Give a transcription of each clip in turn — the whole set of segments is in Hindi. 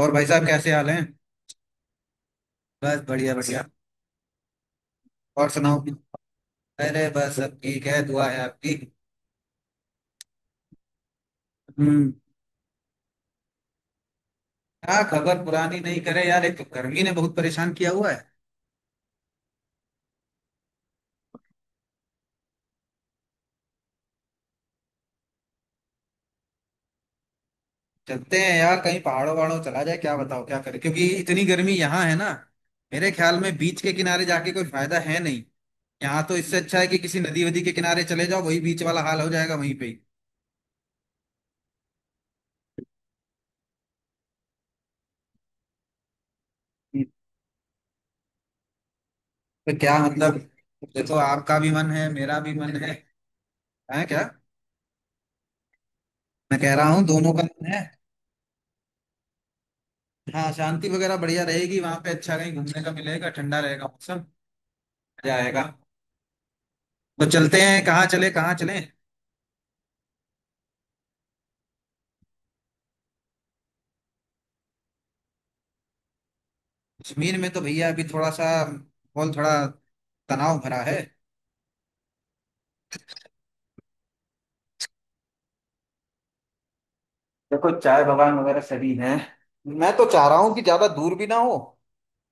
और भाई साहब कैसे हाल हैं। बस बढ़िया बढ़िया। और सुनाओ। अरे बस सब ठीक है, दुआ है आपकी। हम्म। क्या खबर पुरानी नहीं करे यार, एक तो गर्मी ने बहुत परेशान किया हुआ है। चलते हैं यार, कहीं पहाड़ों वहाड़ों चला जाए क्या? बताओ क्या करें, क्योंकि इतनी गर्मी यहाँ है ना। मेरे ख्याल में बीच के किनारे जाके कोई फायदा है नहीं। यहाँ तो इससे अच्छा है कि किसी नदी वदी के किनारे चले जाओ, वही बीच वाला हाल हो जाएगा वहीं पे ही। हम्म। तो क्या मतलब, देखो आपका भी मन है, मेरा भी मन है। है क्या? मैं कह रहा हूँ दोनों का मन है। हाँ, शांति वगैरह बढ़िया रहेगी वहां पे। अच्छा कहीं घूमने का मिलेगा, ठंडा रहेगा मौसम। मजा आएगा। तो चलते हैं, कहाँ चले कहाँ चले? कश्मीर में तो भैया अभी थोड़ा सा माहौल, थोड़ा तनाव भरा है। देखो चाय बागान वगैरह सभी हैं। मैं तो चाह रहा हूँ कि ज्यादा दूर भी ना हो,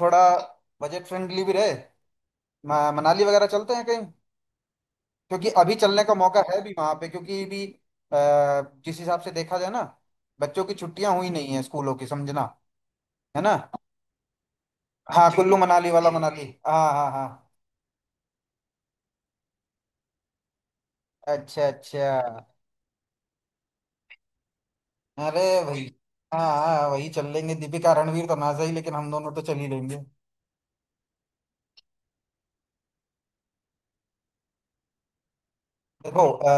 थोड़ा बजट फ्रेंडली भी रहे। मनाली वगैरह चलते हैं कहीं, क्योंकि अभी चलने का मौका है भी वहां पे, क्योंकि भी। अ, जिस हिसाब से देखा जाए ना, बच्चों की छुट्टियां हुई नहीं है स्कूलों की, समझना। है ना? हाँ, कुल्लू मनाली वाला मनाली। हाँ हाँ हाँ। अच्छा अच्छा। अरे भाई! हाँ हाँ वही चल लेंगे, दीपिका रणवीर तो ना सही, लेकिन हम दोनों तो चल ही लेंगे। देखो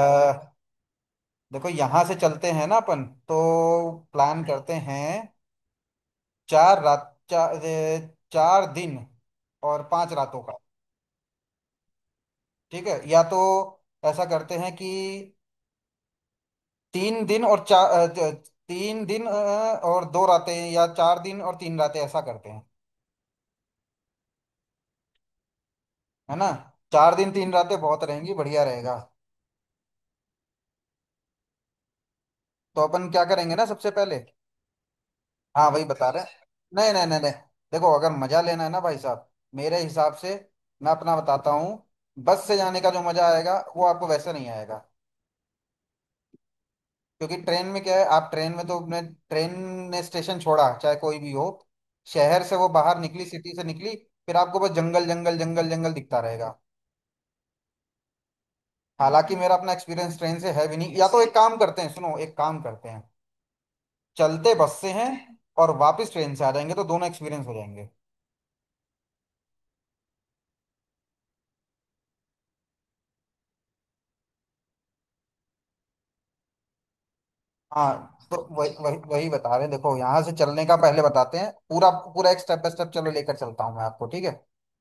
देखो यहाँ से चलते हैं ना अपन तो, प्लान करते हैं। 4 रात, 4 दिन और 5 रातों का। ठीक है, या तो ऐसा करते हैं कि तीन दिन और चार तीन दिन और 2 रातें, या 4 दिन और 3 रातें, ऐसा करते हैं। है ना? 4 दिन 3 रातें बहुत रहेंगी, बढ़िया रहेगा। तो अपन क्या करेंगे ना सबसे पहले? हाँ वही बता रहे हैं। नहीं नहीं नहीं नहीं, देखो अगर मजा लेना है ना भाई साहब, मेरे हिसाब से, मैं अपना बताता हूँ। बस से जाने का जो मजा आएगा वो आपको वैसे नहीं आएगा। क्योंकि ट्रेन में क्या है, आप ट्रेन में तो अपने ट्रेन ने स्टेशन छोड़ा चाहे कोई भी हो, शहर से वो बाहर निकली, सिटी से निकली, फिर आपको बस जंगल जंगल जंगल जंगल दिखता रहेगा। हालांकि मेरा अपना एक्सपीरियंस ट्रेन से है भी नहीं। या तो एक काम करते हैं, सुनो एक काम करते हैं, चलते बस से हैं और वापस ट्रेन से आ जाएंगे, तो दोनों एक्सपीरियंस हो जाएंगे। हाँ तो वही वही वही बता रहे हैं। देखो यहाँ से चलने का पहले बताते हैं पूरा पूरा, एक स्टेप बाय स्टेप चलो लेकर चलता हूँ मैं आपको। ठीक है।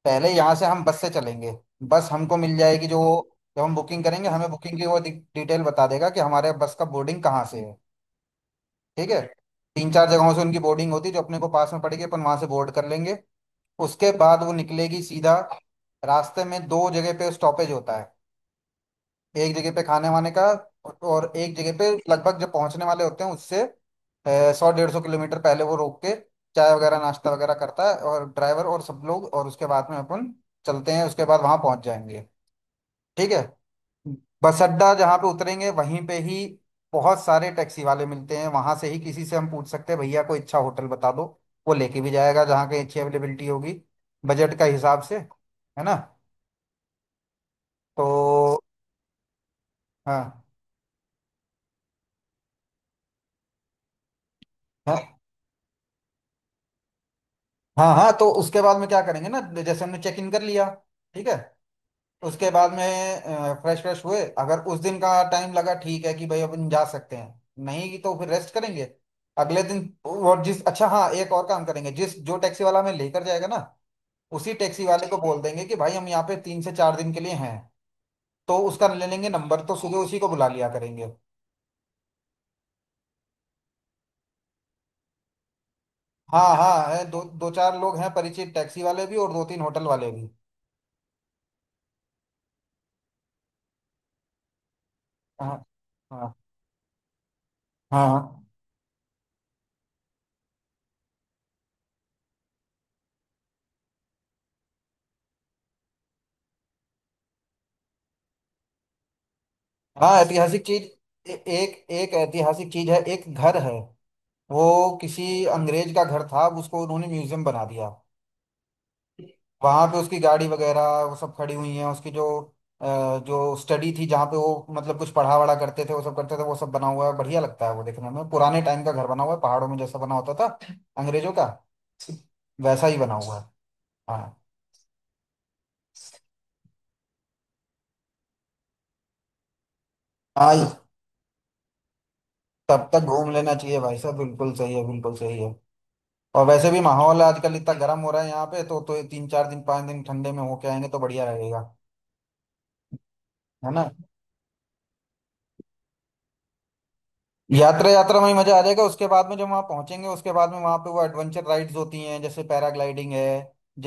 पहले यहाँ से हम बस से चलेंगे। बस हमको मिल जाएगी जो, जब हम बुकिंग करेंगे हमें बुकिंग की वो डिटेल बता देगा कि हमारे बस का बोर्डिंग कहाँ से है। ठीक है। तीन चार जगहों से उनकी बोर्डिंग होती है, जो अपने को पास में पड़ेगी अपन वहां से बोर्ड कर लेंगे। उसके बाद वो निकलेगी सीधा। रास्ते में दो जगह पे स्टॉपेज होता है, एक जगह पे खाने वाने का, और एक जगह पे लगभग जब पहुंचने वाले होते हैं उससे 100 150 किलोमीटर पहले, वो रोक के चाय वगैरह नाश्ता वगैरह करता है, और ड्राइवर और सब लोग, और उसके बाद में अपन चलते हैं। उसके बाद वहां पहुंच जाएंगे। ठीक है। बस अड्डा जहाँ पे उतरेंगे वहीं पे ही बहुत सारे टैक्सी वाले मिलते हैं। वहां से ही किसी से हम पूछ सकते हैं, भैया कोई अच्छा होटल बता दो, वो लेके भी जाएगा जहाँ की अच्छी अवेलेबिलिटी होगी, बजट का हिसाब से। है ना? तो हाँ हाँ। हाँ हाँ, तो उसके बाद में क्या करेंगे ना, जैसे हमने चेक इन कर लिया, ठीक है, उसके बाद में फ्रेश फ्रेश हुए। अगर उस दिन का टाइम लगा, ठीक है कि भाई अपन जा सकते हैं, नहीं तो फिर रेस्ट करेंगे। अगले दिन, और जिस, अच्छा, हाँ एक और काम करेंगे, जिस जो टैक्सी वाला हमें लेकर जाएगा ना, उसी टैक्सी वाले को बोल देंगे कि भाई हम यहाँ पे 3 से 4 दिन के लिए हैं, तो उसका ले लेंगे नंबर, तो सुबह उसी को बुला लिया करेंगे। हाँ हाँ है, दो दो चार लोग हैं परिचित, टैक्सी वाले भी और दो तीन होटल वाले भी। हाँ हाँ हाँ हाँ। हाँ, ऐतिहासिक चीज। एक एक ऐतिहासिक चीज है, एक घर है। वो किसी अंग्रेज का घर था, अब उसको उन्होंने म्यूजियम बना दिया। वहां पे उसकी गाड़ी वगैरह वो सब खड़ी हुई है, उसकी अ, जो स्टडी थी जहाँ पे वो, मतलब कुछ पढ़ा वढ़ा करते थे, वो सब करते थे, वो सब बना हुआ है। बढ़िया लगता है वो देखने में, पुराने टाइम का घर बना हुआ है पहाड़ों में जैसा बना होता था अंग्रेजों का, वैसा ही बना हुआ है। हाँ हाँ, तब तक घूम लेना चाहिए भाई साहब, बिल्कुल सही है, बिल्कुल सही है। और वैसे भी माहौल आजकल इतना गर्म हो रहा है यहाँ पे, तो 3 4 दिन 5 दिन ठंडे में होके आएंगे तो बढ़िया रहेगा। है ना? यात्रा, यात्रा में ही मजा आ जाएगा। उसके बाद में जब वहाँ पहुंचेंगे, उसके बाद में वहाँ पे वो एडवेंचर राइड्स होती हैं, जैसे पैराग्लाइडिंग है,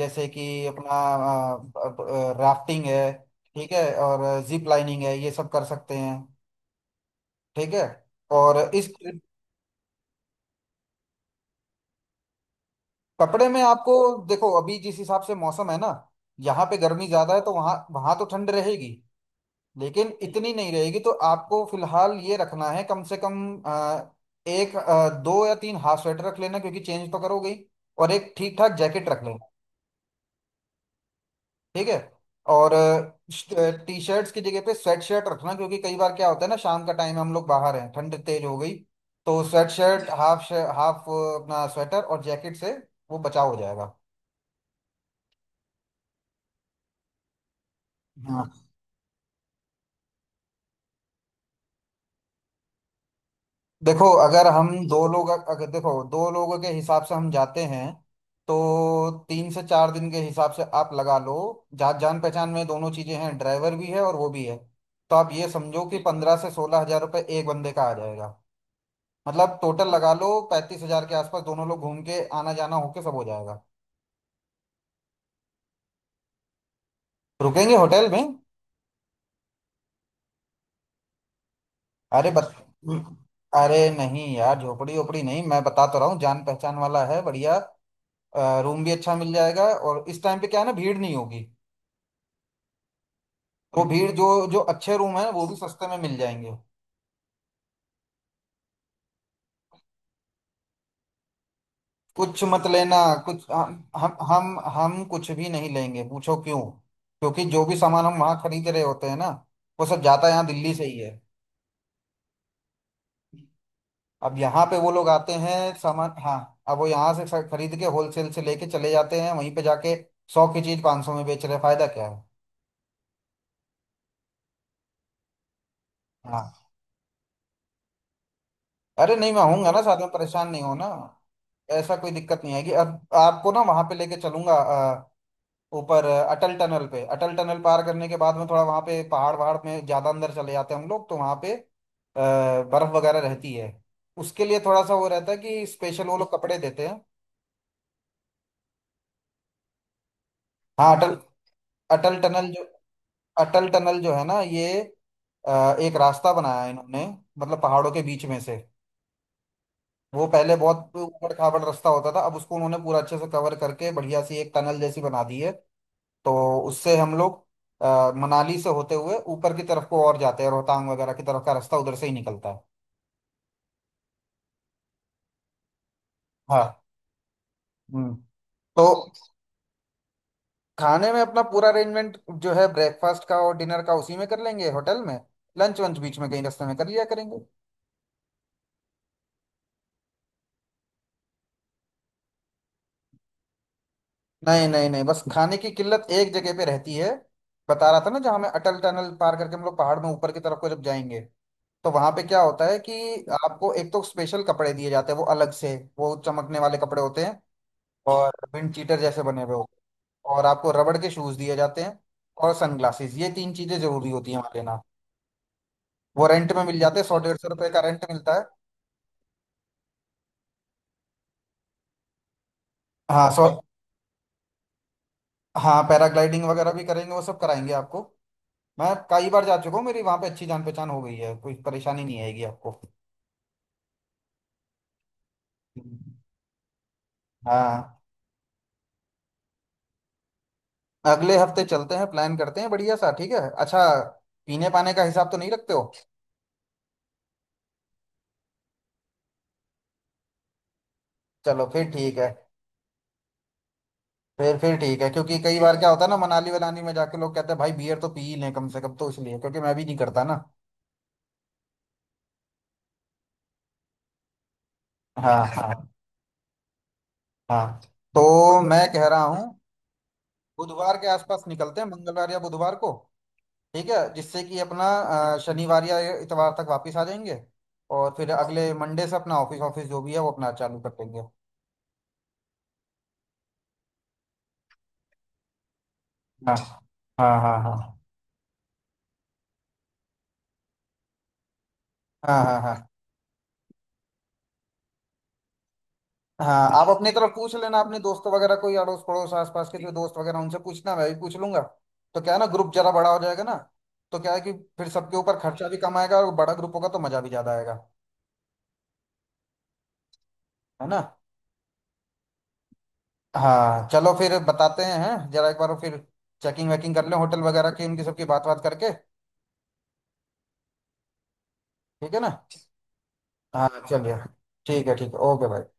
जैसे कि अपना राफ्टिंग है, ठीक है, और जिप लाइनिंग है, ये सब कर सकते हैं। ठीक है। और इस ट्रिप- कपड़े में आपको, देखो अभी जिस हिसाब से मौसम है ना, यहाँ पे गर्मी ज्यादा है तो वहाँ, वहाँ तो ठंड रहेगी, लेकिन इतनी नहीं रहेगी। तो आपको फिलहाल ये रखना है कम से कम एक दो या तीन हाफ स्वेटर रख लेना, क्योंकि चेंज तो करोगे ही, और एक ठीक ठाक जैकेट रख लेना। ठीक है। और टी शर्ट्स की जगह पे स्वेट शर्ट रखना, क्योंकि कई बार क्या होता है ना, शाम का टाइम हम लोग बाहर हैं, ठंड तेज हो गई, तो स्वेट शर्ट, हाफ हाफ अपना स्वेटर और जैकेट से वो बचाव हो जाएगा। देखो, अगर देखो दो लोगों के हिसाब से हम जाते हैं, तो तीन से चार दिन के हिसाब से आप लगा लो। जान पहचान में दोनों चीजें हैं, ड्राइवर भी है और वो भी है। तो आप ये समझो कि 15 से 16 हजार रुपये एक बंदे का आ जाएगा। मतलब टोटल लगा लो 35 हजार के आसपास, दोनों लोग घूम के आना जाना होके सब हो जाएगा। रुकेंगे होटल में। अरे बत अरे नहीं यार, झोपड़ी ओपड़ी नहीं, मैं बता तो रहा हूँ जान पहचान वाला है, बढ़िया, रूम भी अच्छा मिल जाएगा। और इस टाइम पे क्या है ना, भीड़ नहीं होगी। वो भीड़ जो जो अच्छे रूम है वो भी सस्ते में मिल जाएंगे। कुछ मत लेना। कुछ हम कुछ भी नहीं लेंगे, पूछो क्यों। क्योंकि जो भी सामान हम वहाँ खरीद रहे होते हैं ना, वो सब जाता यहाँ दिल्ली से ही है। अब यहाँ पे वो लोग आते हैं सामान, हाँ, अब वो यहाँ से खरीद के होलसेल से लेके चले जाते हैं वहीं पे जाके, 100 की चीज 500 में बेच रहे, फायदा क्या है। हाँ, अरे नहीं, मैं आऊंगा ना साथ में, परेशान नहीं होना। ऐसा कोई दिक्कत नहीं आएगी, अब आपको ना वहां पे लेके चलूंगा। ऊपर अटल टनल पार करने के बाद में थोड़ा वहां पे पहाड़ वहाड़ में ज्यादा अंदर चले जाते हैं हम लोग, तो वहां पे बर्फ वगैरह रहती है। उसके लिए थोड़ा सा वो रहता है कि स्पेशल वो लोग कपड़े देते हैं। हाँ, अटल अटल टनल जो अटल टनल जो है ना ये, एक रास्ता बनाया है इन्होंने, मतलब पहाड़ों के बीच में से। वो पहले बहुत ऊबड़ खाबड़ रास्ता होता था, अब उसको उन्होंने पूरा अच्छे से कवर करके बढ़िया सी एक टनल जैसी बना दी है। तो उससे हम लोग मनाली से होते हुए ऊपर की तरफ को और जाते हैं, रोहतांग वगैरह की तरफ का रास्ता उधर से ही निकलता है। हाँ। हम्म। तो खाने में अपना पूरा अरेंजमेंट जो है ब्रेकफास्ट का और डिनर का उसी में कर लेंगे होटल में। लंच वंच बीच में कहीं रास्ते में कर लिया करेंगे। नहीं नहीं नहीं, बस खाने की किल्लत एक जगह पे रहती है, बता रहा था ना, जहाँ हमें अटल टनल पार करके हम लोग पहाड़ में ऊपर की तरफ को जब जाएंगे, तो वहां पे क्या होता है कि आपको एक तो स्पेशल कपड़े दिए जाते हैं, वो अलग से वो चमकने वाले कपड़े होते हैं और विंड चीटर जैसे बने हुए हो, और आपको रबड़ के शूज दिए जाते हैं, और सनग्लासेस, ये तीन चीजें जरूरी होती हैं वहां लेना। वो रेंट में मिल जाते हैं, 100 150 रुपए का रेंट मिलता है। हाँ सौ, हाँ पैराग्लाइडिंग वगैरह भी करेंगे, वो सब कराएंगे आपको। मैं कई बार जा चुका हूँ, मेरी वहां पे अच्छी जान पहचान हो गई है, कोई परेशानी नहीं आएगी आपको। हाँ, अगले हफ्ते चलते हैं, प्लान करते हैं बढ़िया सा, ठीक है। अच्छा, पीने पाने का हिसाब तो नहीं रखते हो? चलो फिर ठीक है। फिर ठीक है, क्योंकि कई बार क्या होता है ना मनाली वनाली में जाके लोग कहते हैं भाई बियर तो पी ही लें कम से कम, तो इसलिए, क्योंकि मैं भी नहीं करता ना। हाँ हाँ। हाँ तो मैं कह रहा हूँ बुधवार के आसपास निकलते हैं, मंगलवार या बुधवार को, ठीक है, जिससे कि अपना शनिवार या इतवार तक वापस आ जाएंगे, और फिर अगले मंडे से अपना ऑफिस, ऑफिस जो भी है वो अपना चालू कर देंगे। हाँ हाँ हाँ। हाँ हाँ हाँ हाँ हाँ। आप अपनी तरफ पूछ लेना अपने दोस्त वगैरह, कोई अड़ोस पड़ोस आसपास के जो दोस्त वगैरह उनसे पूछना, मैं भी पूछ लूंगा। तो क्या है ना, ग्रुप जरा बड़ा हो जाएगा ना, तो क्या है कि फिर सबके ऊपर खर्चा भी कम आएगा, और बड़ा ग्रुप होगा तो मजा भी ज्यादा आएगा। है ना? हाँ चलो फिर बताते हैं, हैं? जरा एक बार वो, फिर चेकिंग वेकिंग कर लें होटल वगैरह की, उनकी सबकी बात, बात करके। ठीक है ना? हाँ चलिए, ठीक है ठीक है। ओके भाई।